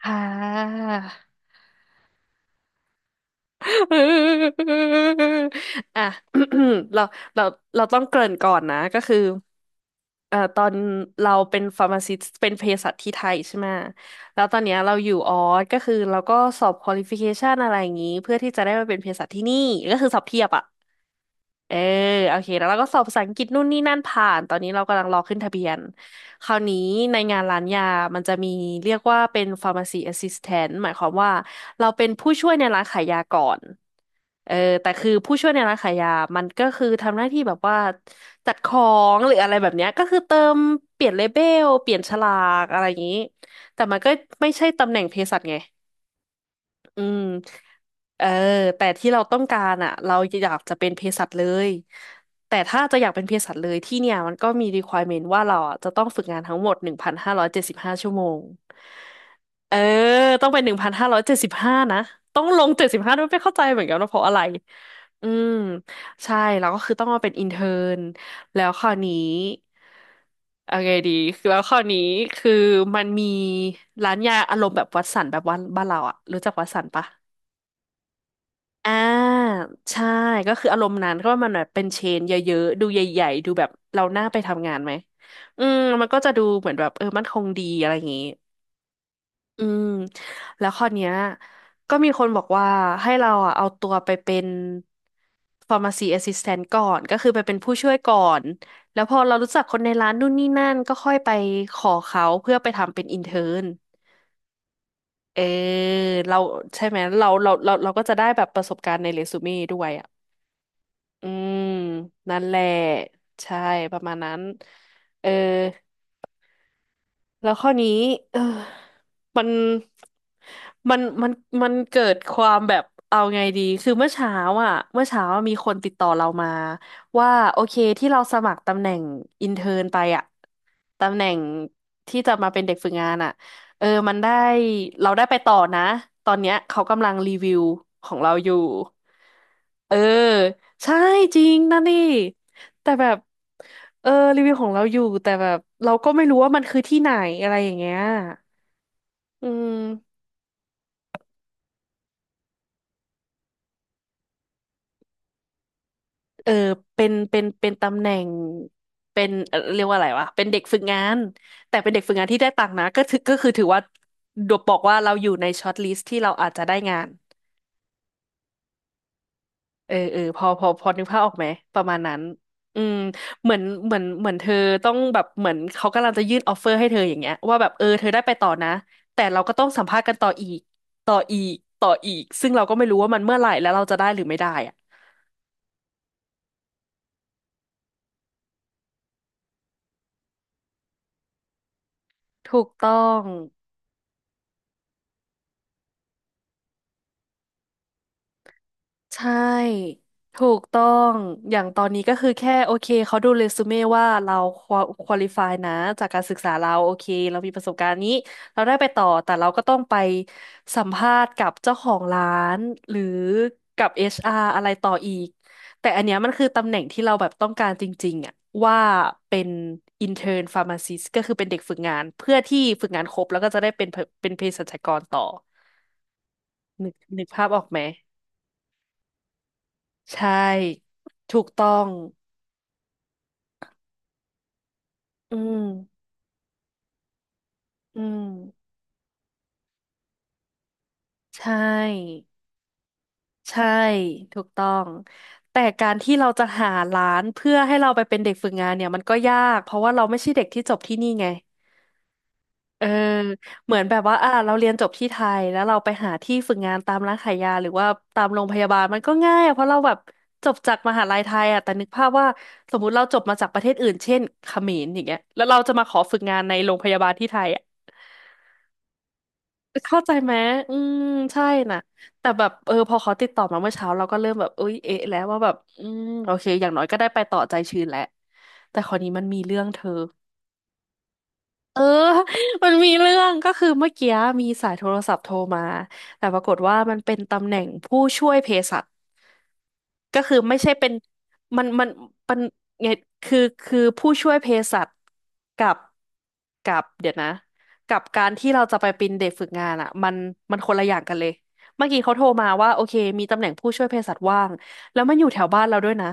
ค่ะ อ่ะ เราเราเราต้องเกริ่นก่อนนะ ก็คือตอนเราเป็นฟาร์มาซิสต์เป็นเภสัชที่ไทยใช่ไหม แล้วตอนเนี้ยเราอยู่ออสก็คือเราก็สอบควอลิฟิเคชันอะไรอย่างนี้ เพื่อที่จะได้มาเป็นเภสัชที่นี่ก็คือสอบเทียบอ่ะ เออโอเคแล้วเราก็สอบภาษาอังกฤษนู่นนี่นั่นผ่านตอนนี้เรากำลังรอขึ้นทะเบียนคราวนี้ในงานร้านยามันจะมีเรียกว่าเป็น pharmacy assistant หมายความว่าเราเป็นผู้ช่วยในร้านขายยาก่อนเออแต่คือผู้ช่วยในร้านขายยามันก็คือทำหน้าที่แบบว่าจัดของหรืออะไรแบบเนี้ยก็คือเติมเปลี่ยนเลเบลเปลี่ยนฉลากอะไรอย่างนี้แต่มันก็ไม่ใช่ตำแหน่งเภสัชไง อืมเออแต่ที่เราต้องการอ่ะเราอยากจะเป็นเภสัชเลยแต่ถ้าจะอยากเป็นเภสัชเลยที่เนี่ยมันก็มี requirement ว่าเราอ่ะจะต้องฝึกงานทั้งหมด1,575 ชั่วโมงเออต้องเป็นหนึ่งพันห้าร้อยเจ็ดสิบห้านะต้องลงเจ็ดสิบห้าด้วยไม่เข้าใจเหมือนกันว่าเพราะอะไรอืมใช่แล้วก็คือต้องมาเป็นอินเทอร์นแล้วคราวนี้เอาไงดีคือแล้วคราวนี้คือมันมีร้านยาอารมณ์แบบวัดสันแบบวันบ้านเราอะรู้จักวัดสันปะ อ่าใช่ก็คืออารมณ์นั้นก็มันแบบเป็นเชนเยอะๆดูใหญ่ๆดูแบบเราน่าไปทำงานไหมอืมมันก็จะดูเหมือนแบบเออมั่นคงดีอะไรอย่างงี้อืมแล้วข้อเนี้ยก็มีคนบอกว่าให้เราอ่ะเอาตัวไปเป็น pharmacy assistant ก่อนก็คือไปเป็นผู้ช่วยก่อนแล้วพอเรารู้จักคนในร้านนู่นนี่นั่นก็ค่อยไปขอเขาเพื่อไปทำเป็น intern เท n ร์เออเราใช่ไหมเราก็จะได้แบบประสบการณ์ในเรซูเม่ด้วยอ่ะ อืมนั่นแหละใช่ประมาณนั้นเออแล้วข้อนี้เออมันมันมันเกิดความแบบเอาไงดีคือเมื่อเช้าอ่ะเมื่อเช้ามีคนติดต่อเรามาว่าโอเคที่เราสมัครตำแหน่งอินเทิร์นไปอ่ะ ตำแหน่งที่จะมาเป็นเด็กฝึกงานอ่ะเออมันได้เราได้ไปต่อนะตอนเนี้ยเขากำลังรีวิวของเราอยู่เออใช่จริงนะนี่แต่แบบเออรีวิวของเราอยู่แต่แบบเราก็ไม่รู้ว่ามันคือที่ไหนอะไรอย่างเงี้ยอืมเออเป็นตำแหน่ง เป็นเรียกว่าอะไรวะเป็นเด็กฝึกงานแต่เป็นเด็กฝึกงานที่ได้ตังค์นะก็ถือก็คือถือว่าดวบอกว่าเราอยู่ในช็อตลิสต์ที่เราอาจจะได้งาน เออเออพอนึกภาพออกไหมประมาณนั้นอืมเหมือนเธอต้องแบบเหมือนเขากำลังจะยื่นออฟเฟอร์ให้เธออย่างเงี้ยว่าแบบเออเธอได้ไปต่อนะแต่เราก็ต้องสัมภาษณ์กันต่ออีกต่ออีกต่ออีกซึ่งเราก็ไม่รู้ว่ามันเมื่อไหร่แล้วเราจะได้หรือไม่ได้อะถูกต้อง ใช่ถูกต้องอย่างตอนนี้ก็คือแค่โอเคเขาดูเรซูเม่ว่าเราควอลิฟายนะจากการศึกษาเราโอเคเรามีประสบการณ์นี้เราได้ไปต่อแต่เราก็ต้องไปสัมภาษณ์กับเจ้าของร้านหรือกับ HR อชอาร์อะไรต่ออีกแต่อันเนี้ยมันคือตำแหน่งที่เราแบบต้องการจริงๆอะว่าเป็น intern pharmacist ก็คือเป็นเด็กฝึกงานเพื่อที่ฝึกงานครบแล้วก็จะได้เป็นเป็นเภสัชกรต่อนึกภาพออกไหม ใช่ถูกต้องอืมอืมใช่ใช่ถูกต้องแต่การที่เราจะหาร้านเพื่อให้เราไปเป็นเด็กฝึกงานเนี่ยมันก็ยากเพราะว่าเราไม่ใช่เด็กที่จบที่นี่ไงเออเหมือนแบบว่าอ่าเราเรียนจบที่ไทยแล้วเราไปหาที่ฝึกงานตามร้านขายยาหรือว่าตามโรงพยาบาลมันก็ง่ายอะเพราะเราแบบจบจากมหาลัยไทยอะแต่นึกภาพว่าสมมุติเราจบมาจากประเทศอื่นเช่นเขมรอย่างเงี้ยแล้วเราจะมาขอฝึกงานในโรงพยาบาลที่ไทยอะ เข้าใจไหมอืมใช่น่ะแต่แบบพอเขาติดต่อมาเมื่อเช้าเราก็เริ่มแบบเอ้ยเอ๊ะแล้วว่าแบบอืมโอเคอย่างน้อยก็ได้ไปต่อใจชื้นแหละแต่คราวนี้มันมีเรื่องเธอเออ มันมีเรื่องก็คือเมื่อกี้มีสายโทรศัพท์โทรมาแต่ปรากฏว่ามันเป็นตำแหน่งผู้ช่วยเภสัช ก็คือไม่ใช่เป็นมันมันมันไงคือคือผู้ช่วยเภสัชกับกับเดี๋ยวนะกับการที่เราจะไปเป็นเด็กฝึกงานอ่ะมันคนละอย่างกันเลยเมื่อกี้เขาโทรมาว่าโอเคมีตำแหน่งผู้ช่วยเภสัชว่างแล้วมันอยู่แถวบ้านเราด้วยนะ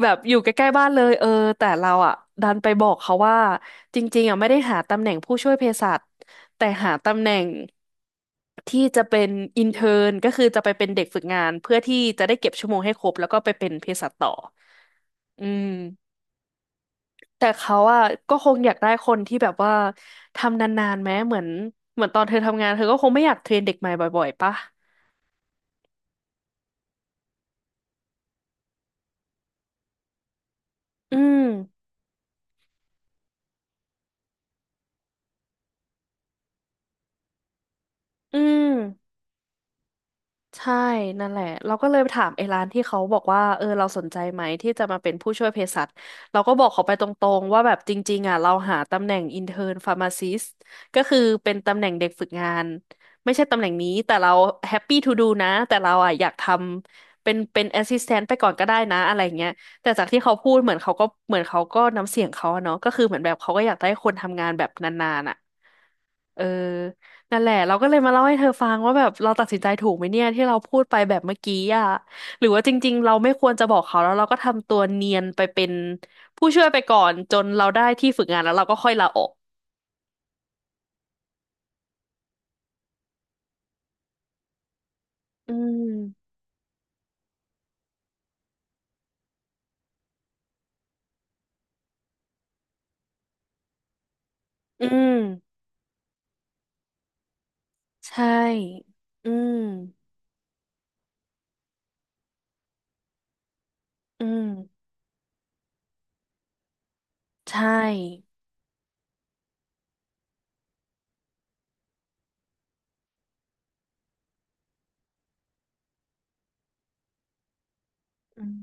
แบบอยู่ใกล้ๆบ้านเลยเออแต่เราอ่ะดันไปบอกเขาว่าจริงๆอ่ะไม่ได้หาตำแหน่งผู้ช่วยเภสัช แต่หาตำแหน่งที่จะเป็นอินเทอร์นก็คือจะไปเป็นเด็กฝึกงานเพื่อที่จะได้เก็บชั่วโมงให้ครบแล้วก็ไปเป็นเภสัชต่ออืมแต่เขาอะก็คงอยากได้คนที่แบบว่าทำนานๆแม้เหมือนตอนเธอทำงานเธอก็คงไม่อยากเทรนเด็กใหม่บ่อยๆปะอืมอืม ใช่นั่นแหละเราก็เลยไปถามไอ้ร้านที่เขาบอกว่าเออเราสนใจไหมที่จะมาเป็นผู้ช่วยเภสัชเราก็บอกเขาไปตรงๆว่าแบบจริงๆอ่ะเราหาตำแหน่งอินเท n p h นฟาร์มาซิสก็คือเป็นตำแหน่งเด็กฝึกงานไม่ใช่ตำแหน่งนี้แต่เราแฮปปี้ทูดูนะแต่เราอ่ะอยากทำเป็นแอสซิสแตนต์ไปก่อนก็ได้นะอะไรเงี้ยแต่จากที่เขาพูดเหมือนเขาก็เหมือนเขาก็น้ำเสียงเขาอะเนาะก็คือเหมือนแบบเขาก็อยากได้คนทำงานแบบนานๆอ่ะเออ นั่นแหละเราก็เลยมาเล่าให้เธอฟังว่าแบบเราตัดสินใจถูกไหมเนี่ยที่เราพูดไปแบบเมื่อกี้อ่ะหรือว่าจริงๆเราไม่ควรจะบอกเขาแล้วเราก็ทำตัวเนียนไปเป็นผู้ช่วยไปก่อนจนเราได้ที่ฝึกงานแล้วเราก็ค่อยลาออกอืมอืมใช่อืมอืมใช่อืม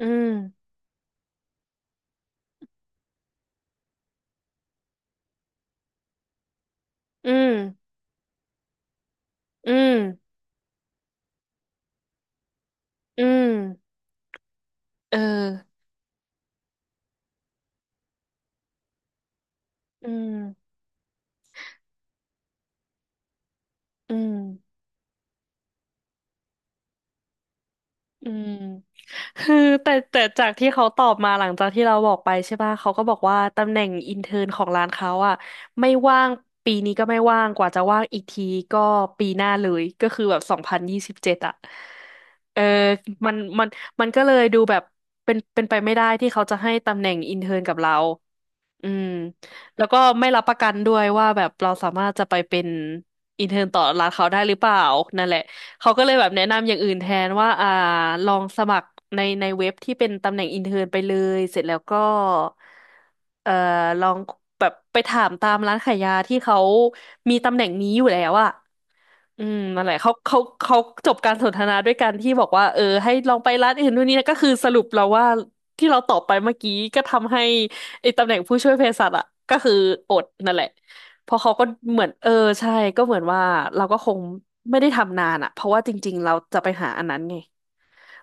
อืมอืมอืมอืมเอออืมอืมอืม คือแต่จากที่เขาตอบมาหลังจากที่เราบอกไปใช่ป่ะเขาก็บอกว่าตำแหน่งอินเทิร์นของร้านเขาอ่ะไม่ว่างปีนี้ก็ไม่ว่างกว่าจะว่างอีกทีก็ปีหน้าเลยก็คือแบบ2027อ่ะเออมันมันก็เลยดูแบบเป็นไปไม่ได้ที่เขาจะให้ตำแหน่งอินเทิร์นกับเรา อืมแล้วก็ไม่รับประกันด้วยว่าแบบเราสามารถจะไปเป็นอินเทอร์นต่อร้านเขาได้หรือเปล่านั่นแหละเขาก็เลยแบบแนะนำอย่างอื่นแทนว่าอ่าลองสมัครในเว็บที่เป็นตำแหน่งอินเทอร์นไปเลยเสร็จแล้วก็เอ่อลองแบบไปถามตามร้านขายยาที่เขามีตำแหน่งนี้อยู่แล้วอะอืมนั่นแหละเขาจบการสนทนาด้วยกันที่บอกว่าเออให้ลองไปร้านอื่นนู่นนี่นะก็คือสรุปเราว่าที่เราตอบไปเมื่อกี้ก็ทำให้ ไอ้ตำแหน่งผู้ช่วยเภสัชอะก็คืออดนั่นแหละเพราะเขาก็เหมือนเออใช่ก็เหมือนว่าเราก็คงไม่ได้ทำนานอะเพราะว่าจริงๆเราจะไปหาอันนั้นไง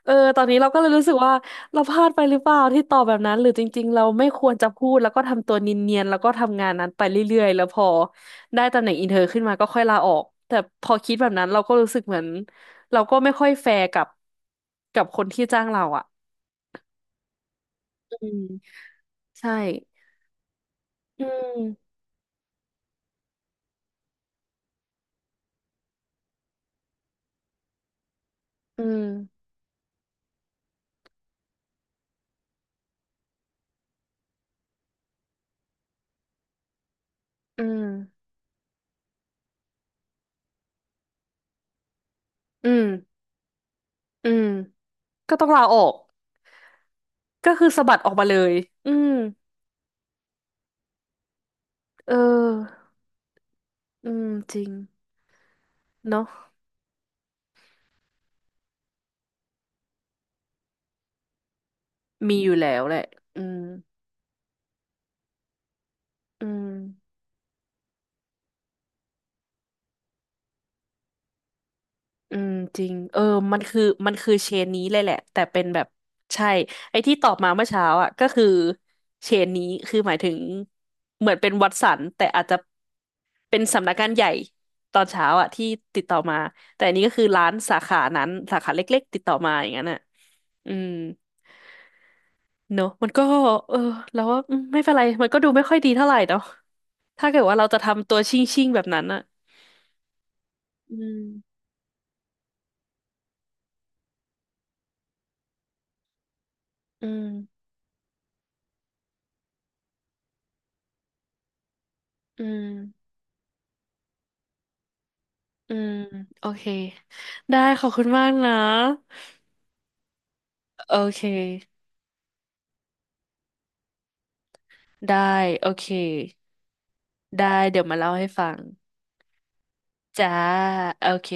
เออตอนนี้เราก็เลยรู้สึกว่าเราพลาดไปหรือเปล่าที่ตอบแบบนั้นหรือจริงๆเราไม่ควรจะพูดแล้วก็ทำตัวเนียนๆแล้วก็ทำงานนั้นไปเรื่อยๆแล้วพอได้ตำแหน่งอินเทอร์ขึ้นมาก็ค่อยลาออกแต่พอคิดแบบนั้นเราก็รู้สึกเหมือนเราก็ไม่ค่อยแฟร์กับคนที่จ้างเราอะอืมใช่อืมอืมอืม อืมอืมก็ต้องลาออกก็คือสะบัดออกมาเลยอืมเอออืมจริงเนาะมีอยู่แล้วแหละอืมอืมอืมจริงเออมันคือมันคือเชนนี้เลยแหละแต่เป็นแบบใช่ไอ้ที่ตอบมาเมื่อเช้าอ่ะก็คือเชนนี้คือหมายถึง เหมือนเป็นวัตสันแต่อาจจะเป็นสำนักงานใหญ่ตอนเช้าอ่ะที่ติดต่อมาแต่อันนี้ก็คือร้านสาขานั้นสาขาเล็กๆติดต่อมาอย่างนั้นอ่ะอืม เนอะมันก็เออแล้วว่าอืมไม่เป็นไรมันก็ดูไม่ค่อยดีเท่าไหร่เนาะถ้าเกิดว่าเราจะทำตัวชิ่งชิ่งแบบนั้นอะอืมอืมอืมอืมโอเคได้ขอบคุณมากนะโอเคได้โอเคได้เดี๋ยวมาเล่าให้ฟังจ้าโอเค